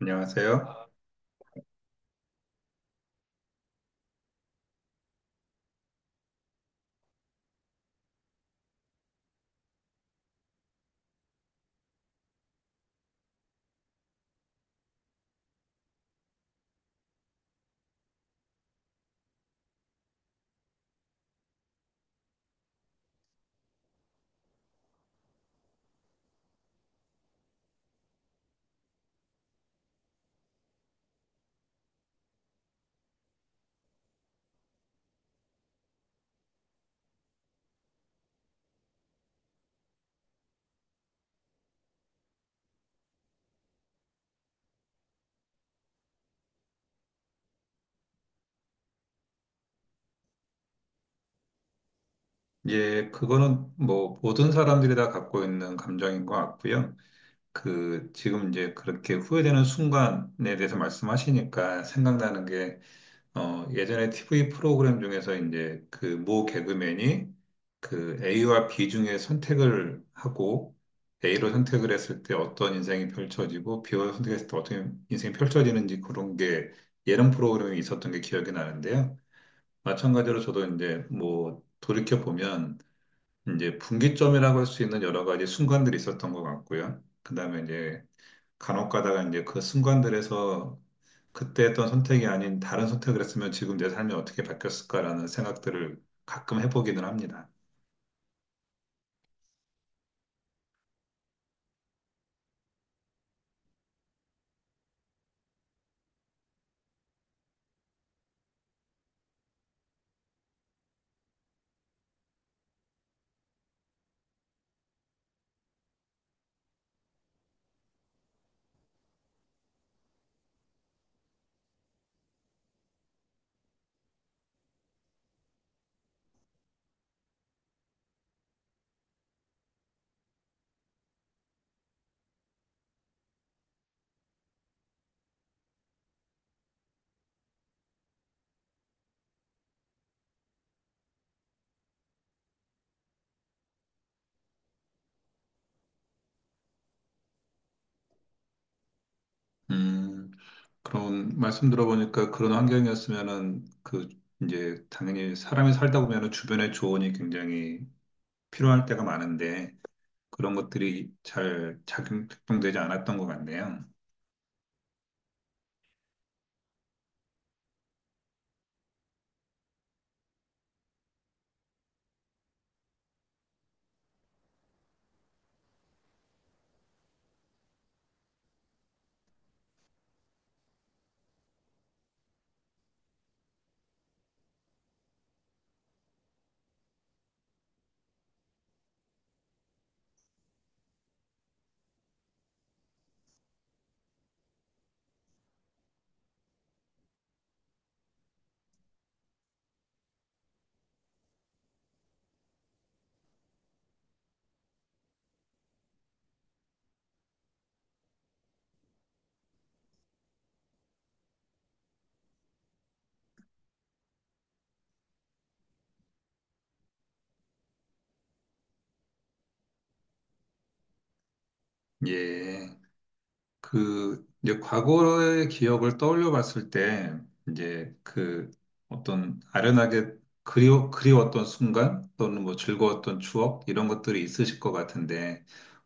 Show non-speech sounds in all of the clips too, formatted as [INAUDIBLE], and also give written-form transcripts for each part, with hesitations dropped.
안녕하세요. 예, 그거는 뭐 모든 사람들이 다 갖고 있는 감정인 것 같고요. 그 지금 이제 그렇게 후회되는 순간에 대해서 말씀하시니까 생각나는 게 예전에 TV 프로그램 중에서 이제 그 모 개그맨이 그 A와 B 중에 선택을 하고, A로 선택을 했을 때 어떤 인생이 펼쳐지고 B로 선택했을 때 어떤 인생이 펼쳐지는지, 그런 게 예능 프로그램이 있었던 게 기억이 나는데요. 마찬가지로 저도 이제 뭐 돌이켜 보면 이제 분기점이라고 할 수 있는 여러 가지 순간들이 있었던 것 같고요. 그다음에 이제 간혹가다가 이제 그 순간들에서 그때 했던 선택이 아닌 다른 선택을 했으면 지금 내 삶이 어떻게 바뀌었을까라는 생각들을 가끔 해보기는 합니다. 음, 그런 말씀 들어보니까 그런 환경이었으면은 그 이제 당연히 사람이 살다 보면은 주변의 조언이 굉장히 필요할 때가 많은데 그런 것들이 잘 작동되지 않았던 것 같네요. 예. 그, 이제 과거의 기억을 떠올려 봤을 때, 이제 그 어떤 아련하게 그리웠던 순간 또는 뭐 즐거웠던 추억 이런 것들이 있으실 것 같은데,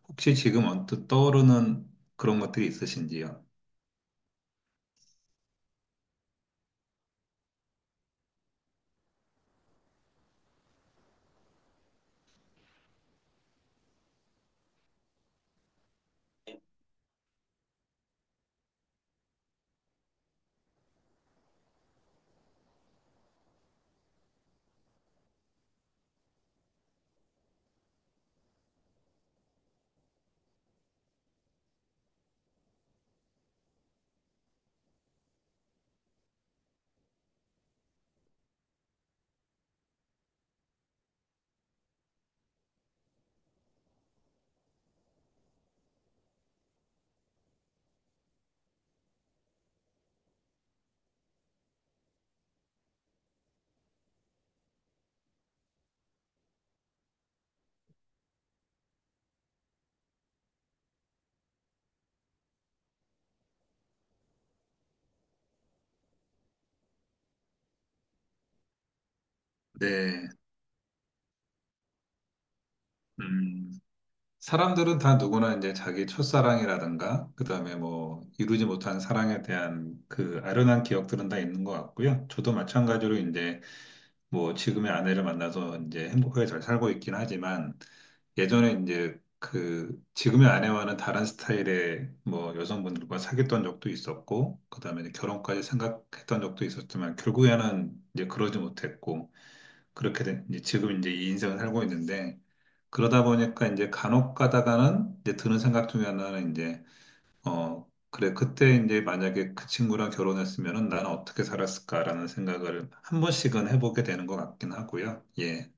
혹시 지금 언뜻 떠오르는 그런 것들이 있으신지요? 네. 음. 사람들은 다 누구나 이제 자기 첫사랑이라든가, 그 다음에 뭐 이루지 못한 사랑에 대한 그 아련한 기억들은 다 있는 것 같고요. 저도 마찬가지로 이제 뭐 지금의 아내를 만나서 이제 행복하게 잘 살고 있긴 하지만 예전에 이제 그 지금의 아내와는 다른 스타일의 뭐 여성분들과 사귀었던 적도 있었고, 그 다음에 이제 결혼까지 생각했던 적도 있었지만 결국에는 이제 그러지 못했고, 이제 지금 이제 이 인생을 살고 있는데, 그러다 보니까 이제 간혹 가다가는 이제 드는 생각 중에 하나는 이제 그래, 그때 이제 만약에 그 친구랑 결혼했으면은 나는 어떻게 살았을까라는 생각을 한 번씩은 해보게 되는 것 같긴 하고요. 예.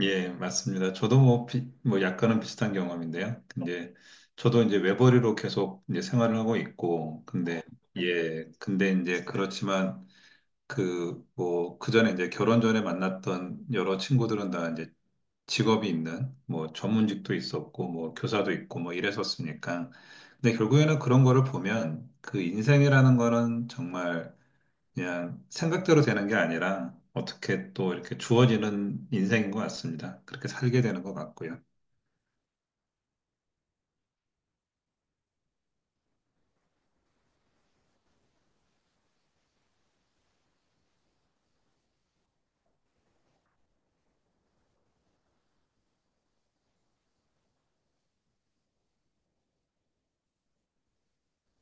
예, 맞습니다. 저도 뭐, 뭐 약간은 비슷한 경험인데요. 근데 저도 이제 외벌이로 계속 이제 생활을 하고 있고, 근데 예, 근데 이제 그렇지만 그 뭐 그 전에 이제 결혼 전에 만났던 여러 친구들은 다 이제 직업이 있는 뭐 전문직도 있었고 뭐 교사도 있고 뭐 이랬었으니까, 근데 결국에는 그런 거를 보면 그 인생이라는 거는 정말 그냥 생각대로 되는 게 아니라 어떻게 또 이렇게 주어지는 인생인 것 같습니다. 그렇게 살게 되는 것 같고요.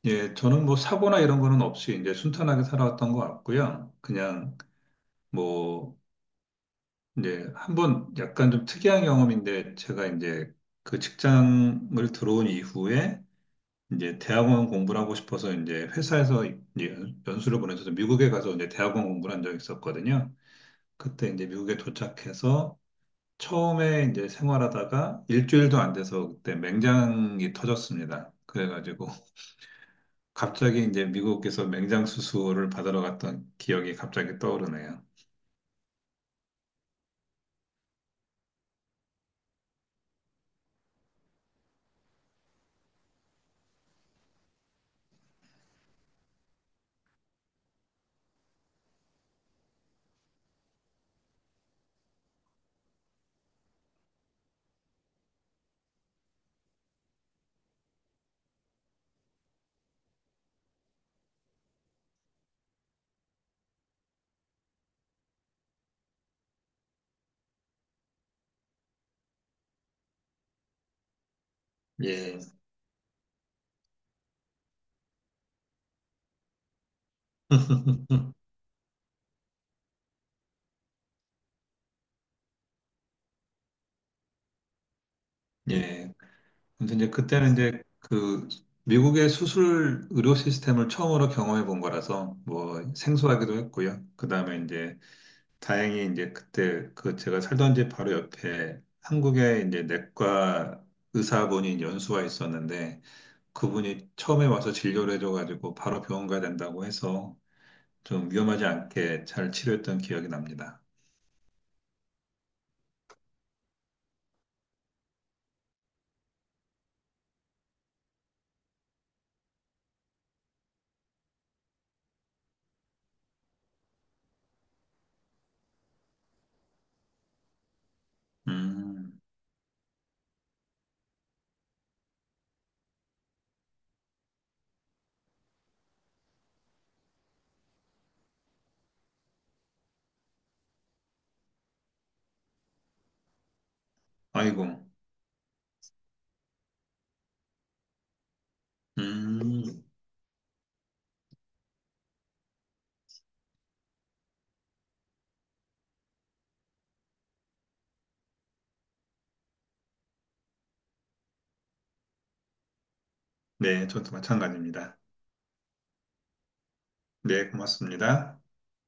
예, 저는 뭐 사고나 이런 거는 없이 이제 순탄하게 살아왔던 것 같고요. 그냥 뭐 이제 한번 약간 좀 특이한 경험인데, 제가 이제 그 직장을 들어온 이후에 이제 대학원 공부를 하고 싶어서 이제 회사에서 이제 수를 보내서 미국에 가서 이제 대학원 공부를 한 적이 있었거든요. 그때 이제 미국에 도착해서 처음에 이제 생활하다가 일주일도 안 돼서 그때 맹장이 터졌습니다. 그래가지고 [LAUGHS] 갑자기 이제 미국에서 맹장 수술을 받으러 갔던 기억이 갑자기 떠오르네요. 예. [LAUGHS] 예. 그래서 이제 그때는 이제 그 미국의 수술 의료 시스템을 처음으로 경험해 본 거라서 뭐 생소하기도 했고요. 그 다음에 이제 다행히 이제 그때 그 제가 살던 집 바로 옆에 한국의 이제 내과 의사분이 연수와 있었는데, 그분이 처음에 와서 진료를 해줘가지고 바로 병원 가야 된다고 해서 좀 위험하지 않게 잘 치료했던 기억이 납니다. 음. 아이고. 음. 네, 저도 마찬가지입니다. 네, 고맙습니다.